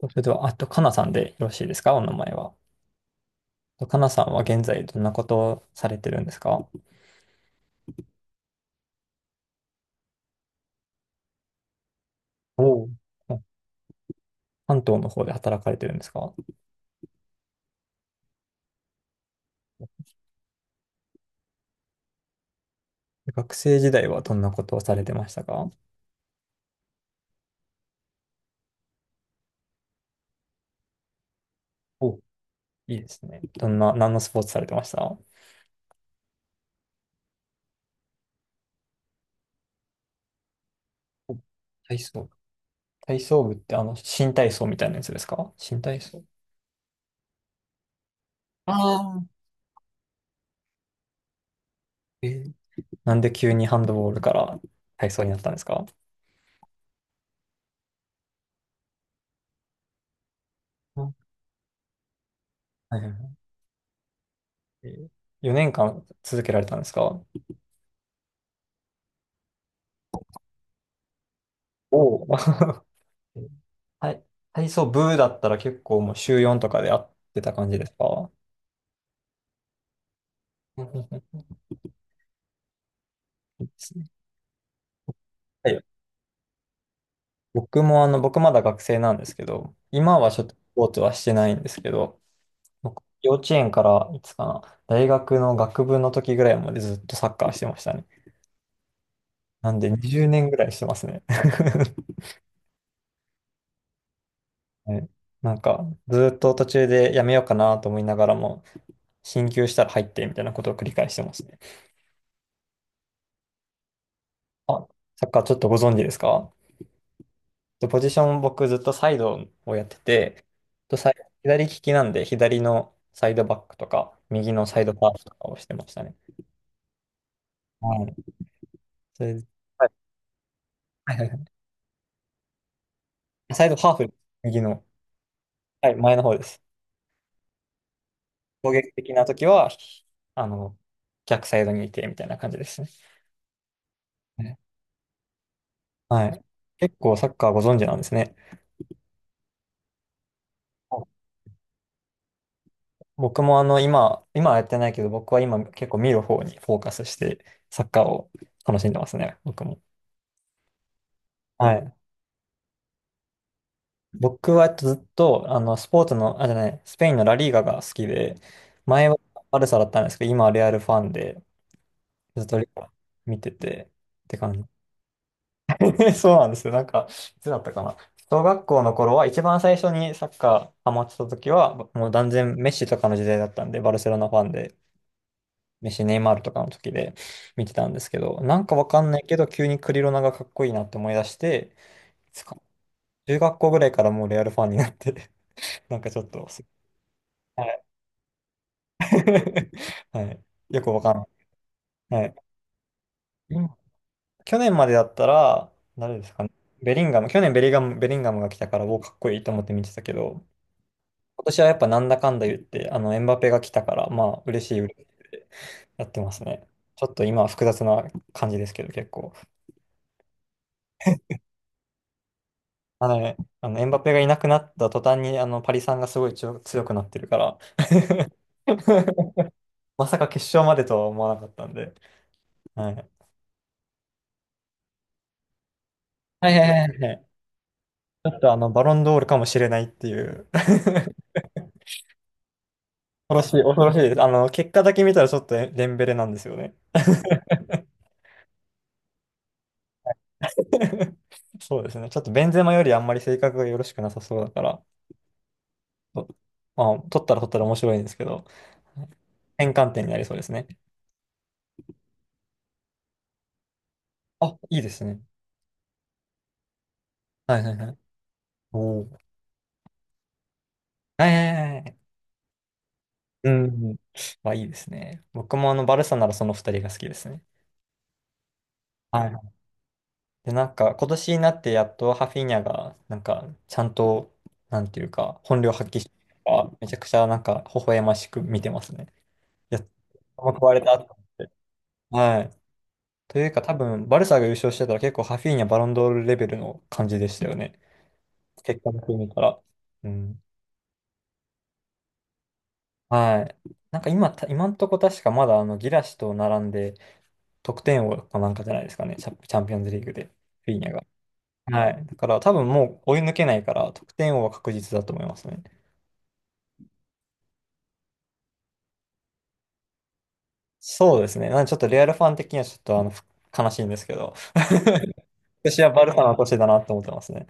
それでは、あと、かなさんでよろしいですか？お名前は。かなさんは現在どんなことをされてるんですか？おおう。関東の方で働かれてるんですか？学生時代はどんなことをされてましたか？お、いいですね。どんな、何のスポーツされてました？お、体操。体操部って新体操みたいなやつですか？新体操。ああ。えー、なんで急にハンドボールから体操になったんですか？あ、はいはいはい。4年間続けられたんですか？おお はい。体操部だったら結構もう週4とかで会ってた感じですか？うんうんうん、いいですね。 はい。僕も僕まだ学生なんですけど、今はちょっとスポーツはしてないんですけど、僕幼稚園からいつかな、大学の学部の時ぐらいまでずっとサッカーしてましたね。なんで20年ぐらいしてますね。はい。なんかずっと途中でやめようかなと思いながらも、進級したら入ってみたいなことを繰り返してますね。あ、サッカーちょっとご存知ですか？で、ポジション僕ずっとサイドをやってて、とサイ左利きなんで左のサイドバックとか、右のサイドハーフとかをしてましたね。はい。それで、はいはいはい、はいサイドハーフ、右の、はい、前の方です。攻撃的な時は、あの、逆サイドにいてみたいな感じですね。ね、はい。結構サッカーご存知なんですね。はい。僕も今はやってないけど、僕は今結構見る方にフォーカスして、サッカーを楽しんでますね、僕も。はい。僕はえっとずっと、あの、スポーツの、あ、じゃない、スペインのラリーガが好きで、前はバルサだったんですけど、今はレアルファンで、ずっとリーガ見てて、って感じ。そうなんですよ。なんか、いつだったかな。小学校の頃は、一番最初にサッカーハマってた時は、もう断然メッシとかの時代だったんで、バルセロナファンで、メッシ、ネイマールとかの時で見てたんですけど、なんかわかんないけど、急にクリロナがかっこいいなって思い出して、いつか中学校ぐらいからもうレアルファンになって、なんかちょっと、はい。 はい。よくわかんない。はい。今、去年までだったら、誰ですかね。ベリンガム。去年ベリガム、ベリンガムが来たから、おー、かっこいいと思って見てたけど、今年はやっぱなんだかんだ言って、あの、エムバペが来たから、まあ、嬉しいってやってますね。ちょっと今は複雑な感じですけど、結構。あのね、あのエムバペがいなくなった途端に、あの、パリさんがすごい強くなってるから、まさか決勝までとは思わなかったんで、はい。はいはいはいはい。ちょっとあの、バロンドールかもしれないっていう、恐ろしいです。あの、結果だけ見たらちょっとデンベレなんですよね。そうですね。ちょっとベンゼマよりあんまり性格がよろしくなさそうだから、と、まあ、取ったら面白いんですけど、転換点になりそうですね。あ、いいですね。はいはいはい。おー。はいはいはいはい。うん。まあいいですね。僕もあの、バルサならその二人が好きですね。はい。で、なんか、今年になってやっとハフィーニャが、なんか、ちゃんと、なんていうか、本領発揮してるから、めちゃくちゃなんか、微笑ましく見てますね。いや、壊れたと思って。はい。というか、多分、バルサが優勝してたら結構ハフィーニャ、バロンドールレベルの感じでしたよね。結果だけ見たら。うん。はい。なんか今、た今んとこ確かまだあのギラシと並んで得点王かなんかじゃないですかね。チャ、チャンピオンズリーグで、フィーニャが。はい。だから多分もう追い抜けないから、得点王は確実だと思いますね。そうですね。なんでちょっとレアルファン的にはちょっとあの、悲しいんですけど。今年はバルサの年だなと思ってますね。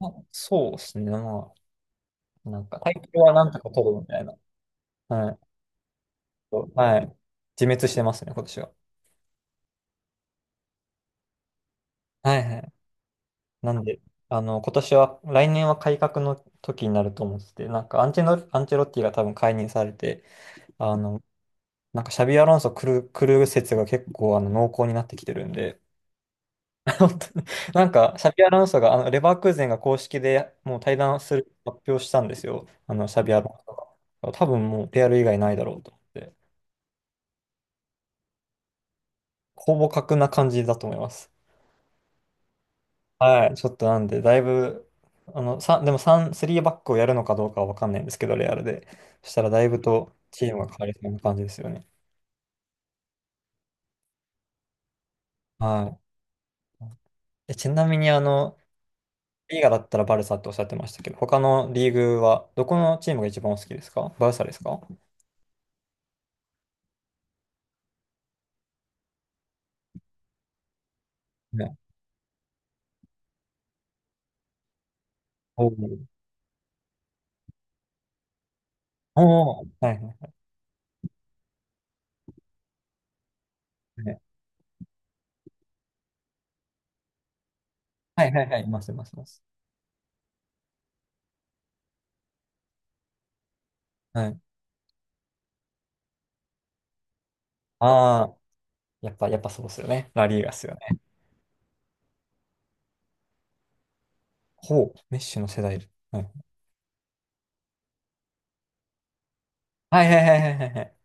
あ、そうですね。まあ、なんか、体調はなんとか取るみたいな。はい。はい。自滅してますね、今年は。はいはい。なんで、あの、今年は、来年は改革の時になると思ってて、なんかアンチェロ、アンチェロッティが多分解任されて、あの、なんかシャビアロンソ来る説が結構あの濃厚になってきてるんで、本当に。なんか、シャビアロンソが、あの、レバークーゼンが公式でもう対談する発表したんですよ。あの、シャビアロンソが。多分もう、レアル以外ないだろうと思って。ほぼ格な感じだと思います。はい。ちょっとなんで、だいぶ、あの、さ、でも3、スリーバックをやるのかどうかはわかんないんですけど、レアルで。そしたらだいぶとチームが変わりそうな感じですよね。はい。え、ちなみに、あの、リーガだったらバルサっておっしゃってましたけど、他のリーグは、どこのチームが一番お好きですか？バルサですか？ね。おおおお、はいはいはい。はいはいはい、いますいますいます。はい。ああ、やっぱそうですよね。ラリーガっすよね。ほう、メッシュの世代。はいはいはいはいはいはい。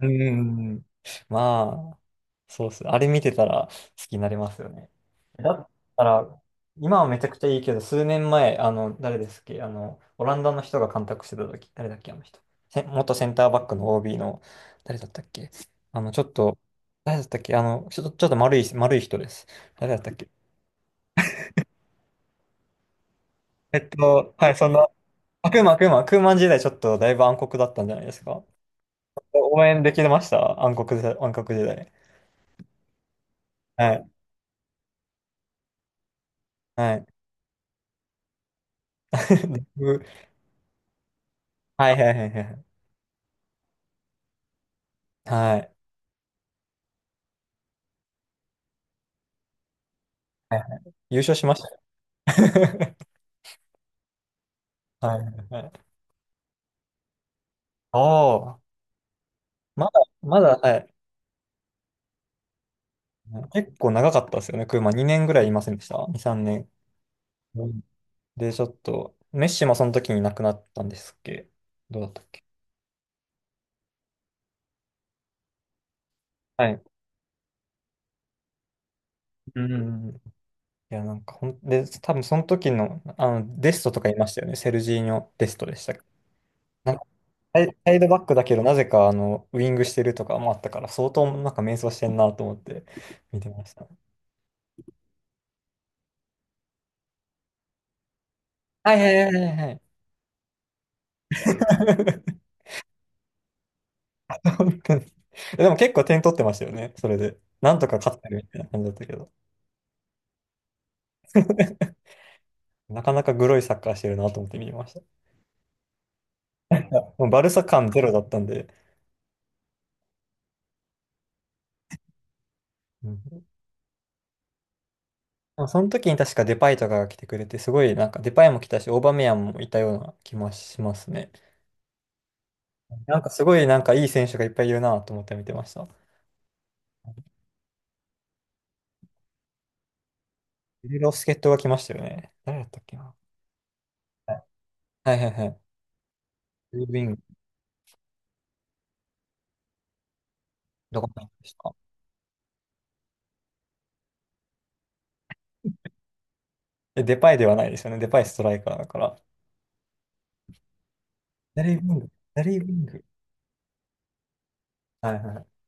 うん、まあ、そうっす。あれ見てたら好きになれますよね。だったら、今はめちゃくちゃいいけど、数年前、あの、誰ですっけ、あの、オランダの人が監督してた時、誰だっけ、あの人。せ元センターバックの OB の、誰だったっけ。あの、ちょっと、誰だったっけ、あの、ちょっと、ちょっと丸い人です。誰だったっけ。えっと、はい、そんな、あ、クーマン時代ちょっとだいぶ暗黒だったんじゃないですか。応援できてました暗黒時代、暗黒時代。はい。はい。はいはいはいはい。はい。はいはい。優勝しました。はいはいはい。ああ、まだ、まだ、はい。結構長かったですよね。クーマ2年ぐらいいませんでした？ 2、3年。うん。で、ちょっと、メッシもその時に亡くなったんですっけ？どうだったっけ？はい。うんうんうん。いや、なんかほん、で、多分その時の、あの、デストとかいましたよね。セルジーニョ・デストでしたっけ？なんかサイドバックだけど、なぜか、あの、ウイングしてるとかもあったから、相当なんか迷走してんなと思って見てました。はいはいはいはいはい。本当に。でも結構点取ってましたよね、それで。なんとか勝ってるみたいな感じだったけど。なかなかグロいサッカーしてるなと思って見てました。いや、もうバルサ感ゼロだったんで。うん。でもその時に確かデパイとかが来てくれて、すごいなんかデパイも来たし、オーバメヤンもいたような気もしますね。なんかすごいなんかいい選手がいっぱいいるなと思って見てました。いろいろ助っ人が来ましたよね。誰だったっけな。はいはいはいはい。ルビング、どこに行きました？え、デパイではないですよね。デパイストライカーだから。ダリー・ウィング。ダリー・ウィング。はいはい。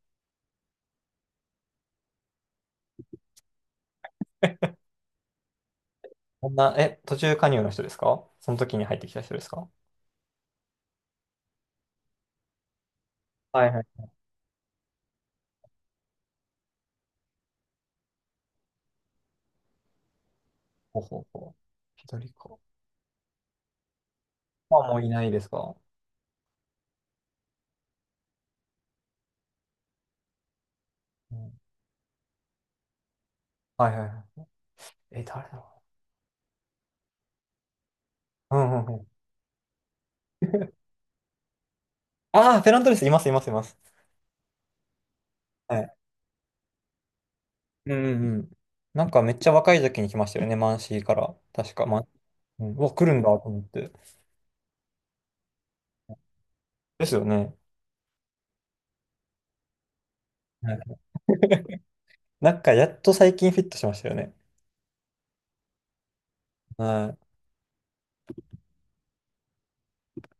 こんな、え、途中加入の人ですか？その時に入ってきた人ですか？はいはい。ほうほうほう。左か。まあ、もういないですか、うん、はいはいはい。え、誰だろう。うんうんうん。ああ、フェラントレス、います、います、います。はい。うんうんうん。なんかめっちゃ若い時に来ましたよね、マンシーから。確か、マン、うん、うわ、来るんだと思って。ですよね。はい。 なんかやっと最近フィットしましたよね。はい